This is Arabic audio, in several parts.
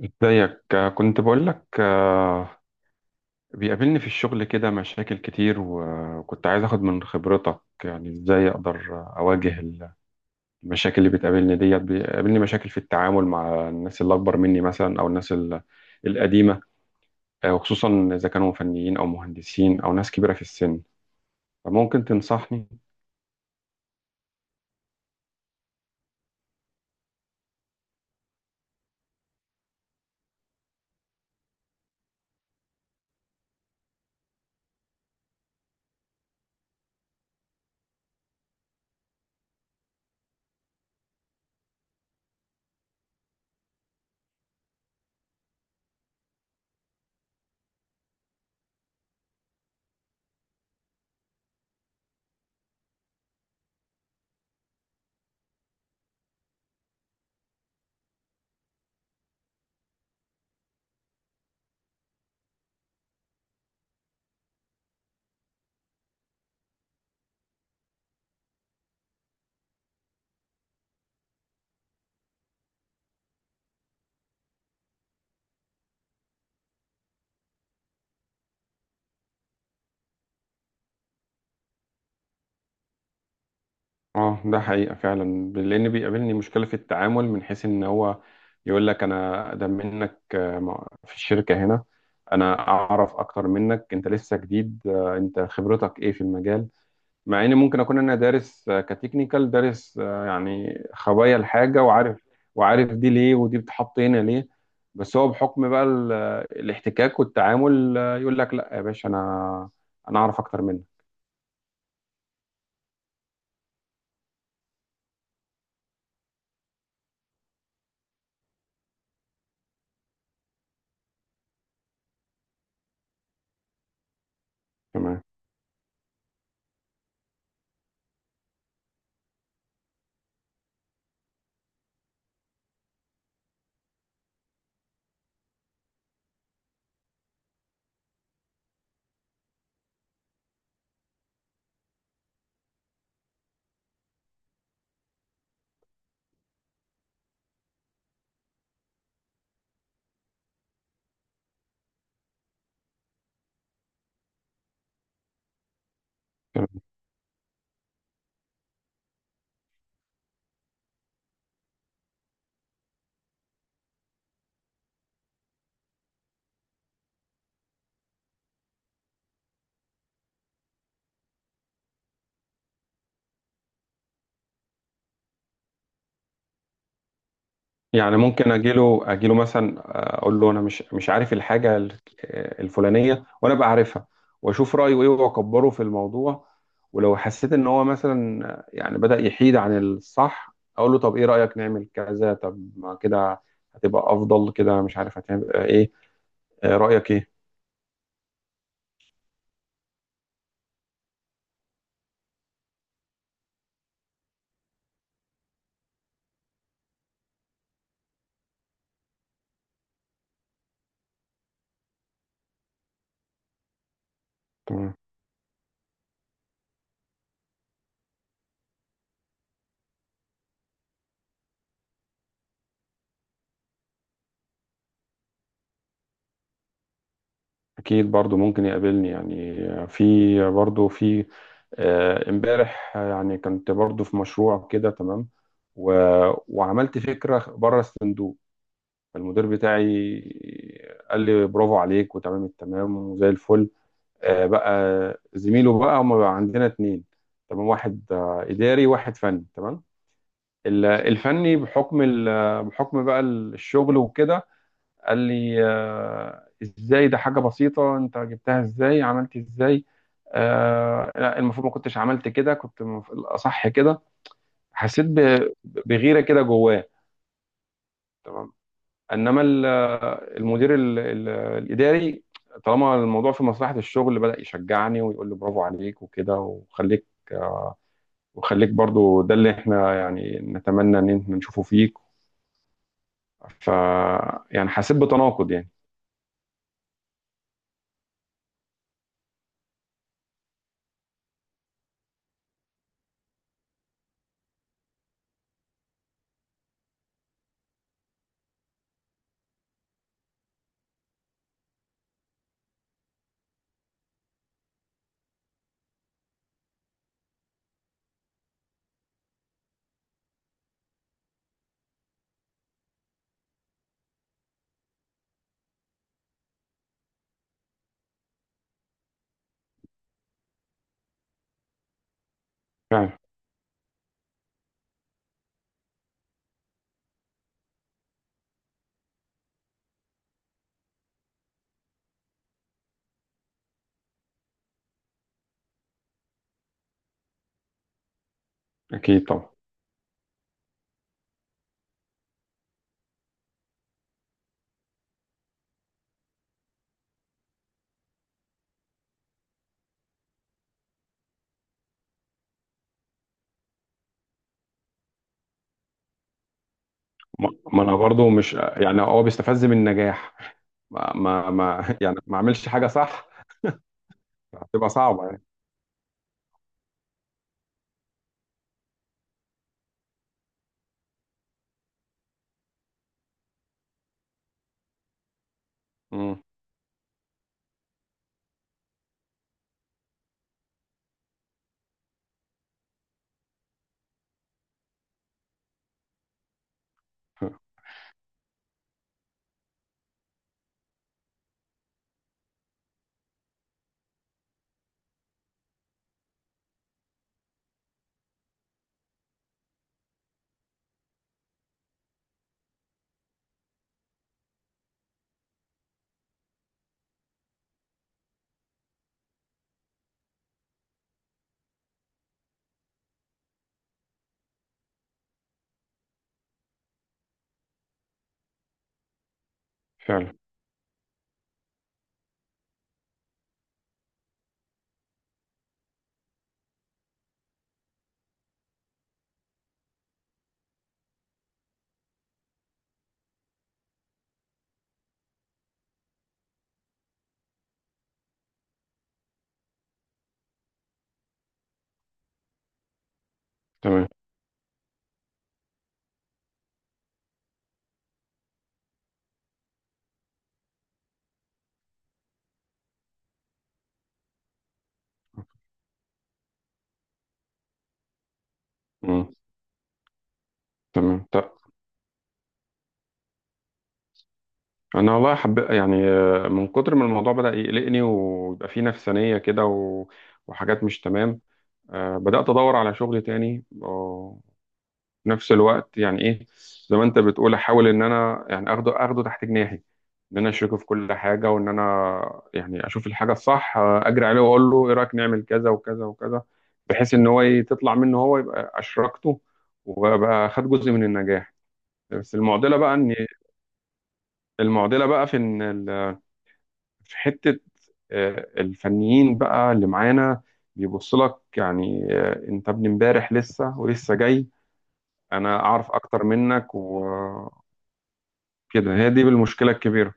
ازيك؟ كنت بقول لك. بيقابلني في الشغل كده مشاكل كتير، وكنت عايز اخد من خبرتك، يعني ازاي اقدر اواجه المشاكل اللي بتقابلني ديت. بيقابلني مشاكل في التعامل مع الناس اللي اكبر مني مثلا، او الناس القديمة. وخصوصا اذا كانوا فنيين او مهندسين او ناس كبيرة في السن، فممكن تنصحني؟ اه، ده حقيقة فعلا. لأن بيقابلني مشكلة في التعامل، من حيث إن هو يقول لك أنا أقدم منك في الشركة هنا، أنا أعرف أكتر منك، أنت لسه جديد، أنت خبرتك إيه في المجال؟ مع إن ممكن أكون أنا دارس، كتكنيكال، دارس يعني خبايا الحاجة، وعارف، وعارف دي ليه ودي بتحط هنا ليه. بس هو بحكم بقى الاحتكاك والتعامل، يقول لك لا يا باشا أنا أعرف أكتر منك. تمام. يعني ممكن اجيله مثلا، اقول له انا مش عارف الحاجه الفلانيه، وانا بقى عارفها، واشوف رايه ايه واكبره في الموضوع. ولو حسيت ان هو مثلا يعني بدا يحيد عن الصح، اقول له طب ايه رايك نعمل كذا، طب ما كده هتبقى افضل، كده مش عارف هتبقى ايه. رايك ايه؟ تمام. اكيد برضو ممكن يقابلني، يعني في برضو في، امبارح يعني كنت برضو في مشروع كده، تمام، و... وعملت فكرة بره الصندوق. المدير بتاعي قال لي برافو عليك، وتمام التمام، وزي الفل. بقى زميله بقى، هما بقى عندنا اتنين، تمام، واحد إداري، واحد فني، تمام. الفني بحكم بحكم بقى الشغل وكده، قال لي ازاي ده؟ حاجة بسيطة، انت جبتها ازاي، عملت ازاي؟ لا، المفروض ما كنتش عملت كده، كنت الاصح كده. حسيت بغيرة كده جواه. تمام. انما المدير الاداري، طالما الموضوع في مصلحة الشغل، بدأ يشجعني ويقول لي برافو عليك وكده، وخليك، وخليك برضو، ده اللي احنا يعني نتمنى ان احنا نشوفه فيك. ف يعني حسيت بتناقض يعني. فعلا. اكيد طبعا. ما انا برضو، مش يعني هو بيستفز من النجاح. ما يعني ما اعملش حاجه صح؟ هتبقى صعبه يعني. امم. فعلا. تمام. امم. تمام، طب انا والله حب يعني، من كتر ما الموضوع بدأ يقلقني ويبقى فيه نفسانيه كده، وحاجات مش تمام. بدأت ادور على شغل تاني، في نفس الوقت، يعني ايه، زي ما انت بتقول، احاول ان انا يعني اخده تحت جناحي، ان انا اشركه في كل حاجه، وان انا يعني اشوف الحاجه الصح اجري عليه، واقول له ايه رايك نعمل كذا وكذا وكذا، بحيث ان هو تطلع منه هو، يبقى اشركته، وابقى خد جزء من النجاح. بس المعضله بقى في ان في حته، الفنيين بقى اللي معانا بيبص لك، يعني انت ابن امبارح لسه ولسه جاي، انا اعرف اكتر منك كده، هي دي المشكله الكبيره،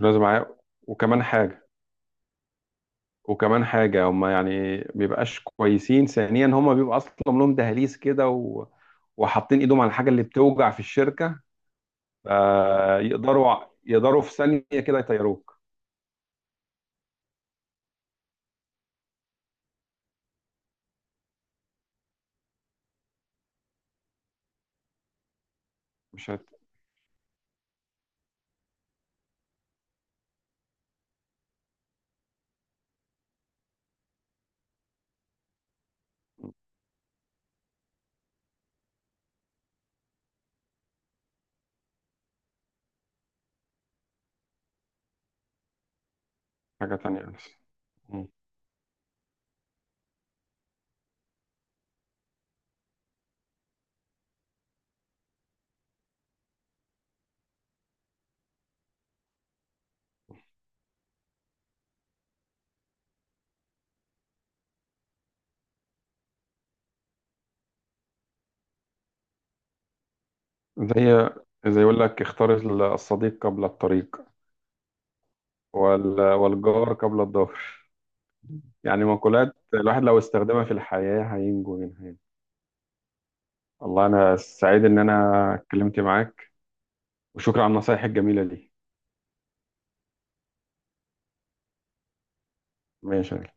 لازم معاه. وكمان حاجه وكمان حاجه، هم يعني بيبقاش كويسين. ثانيا، هم بيبقى اصلا لهم دهاليز كده، وحاطين ايدهم على الحاجه اللي بتوجع في الشركه. فيقدروا يقدروا يقدروا في ثانيه كده يطيروك. مش هت... حاجه تانيه بس. مم. زي زي يقول لك، اختار الصديق قبل الطريق، والجار قبل الضهر. يعني مقولات الواحد لو استخدمها في الحياه، هينجو منها يعني. والله انا سعيد ان انا اتكلمت معاك، وشكرا على النصايح الجميلة دي. ماشي يا غالي.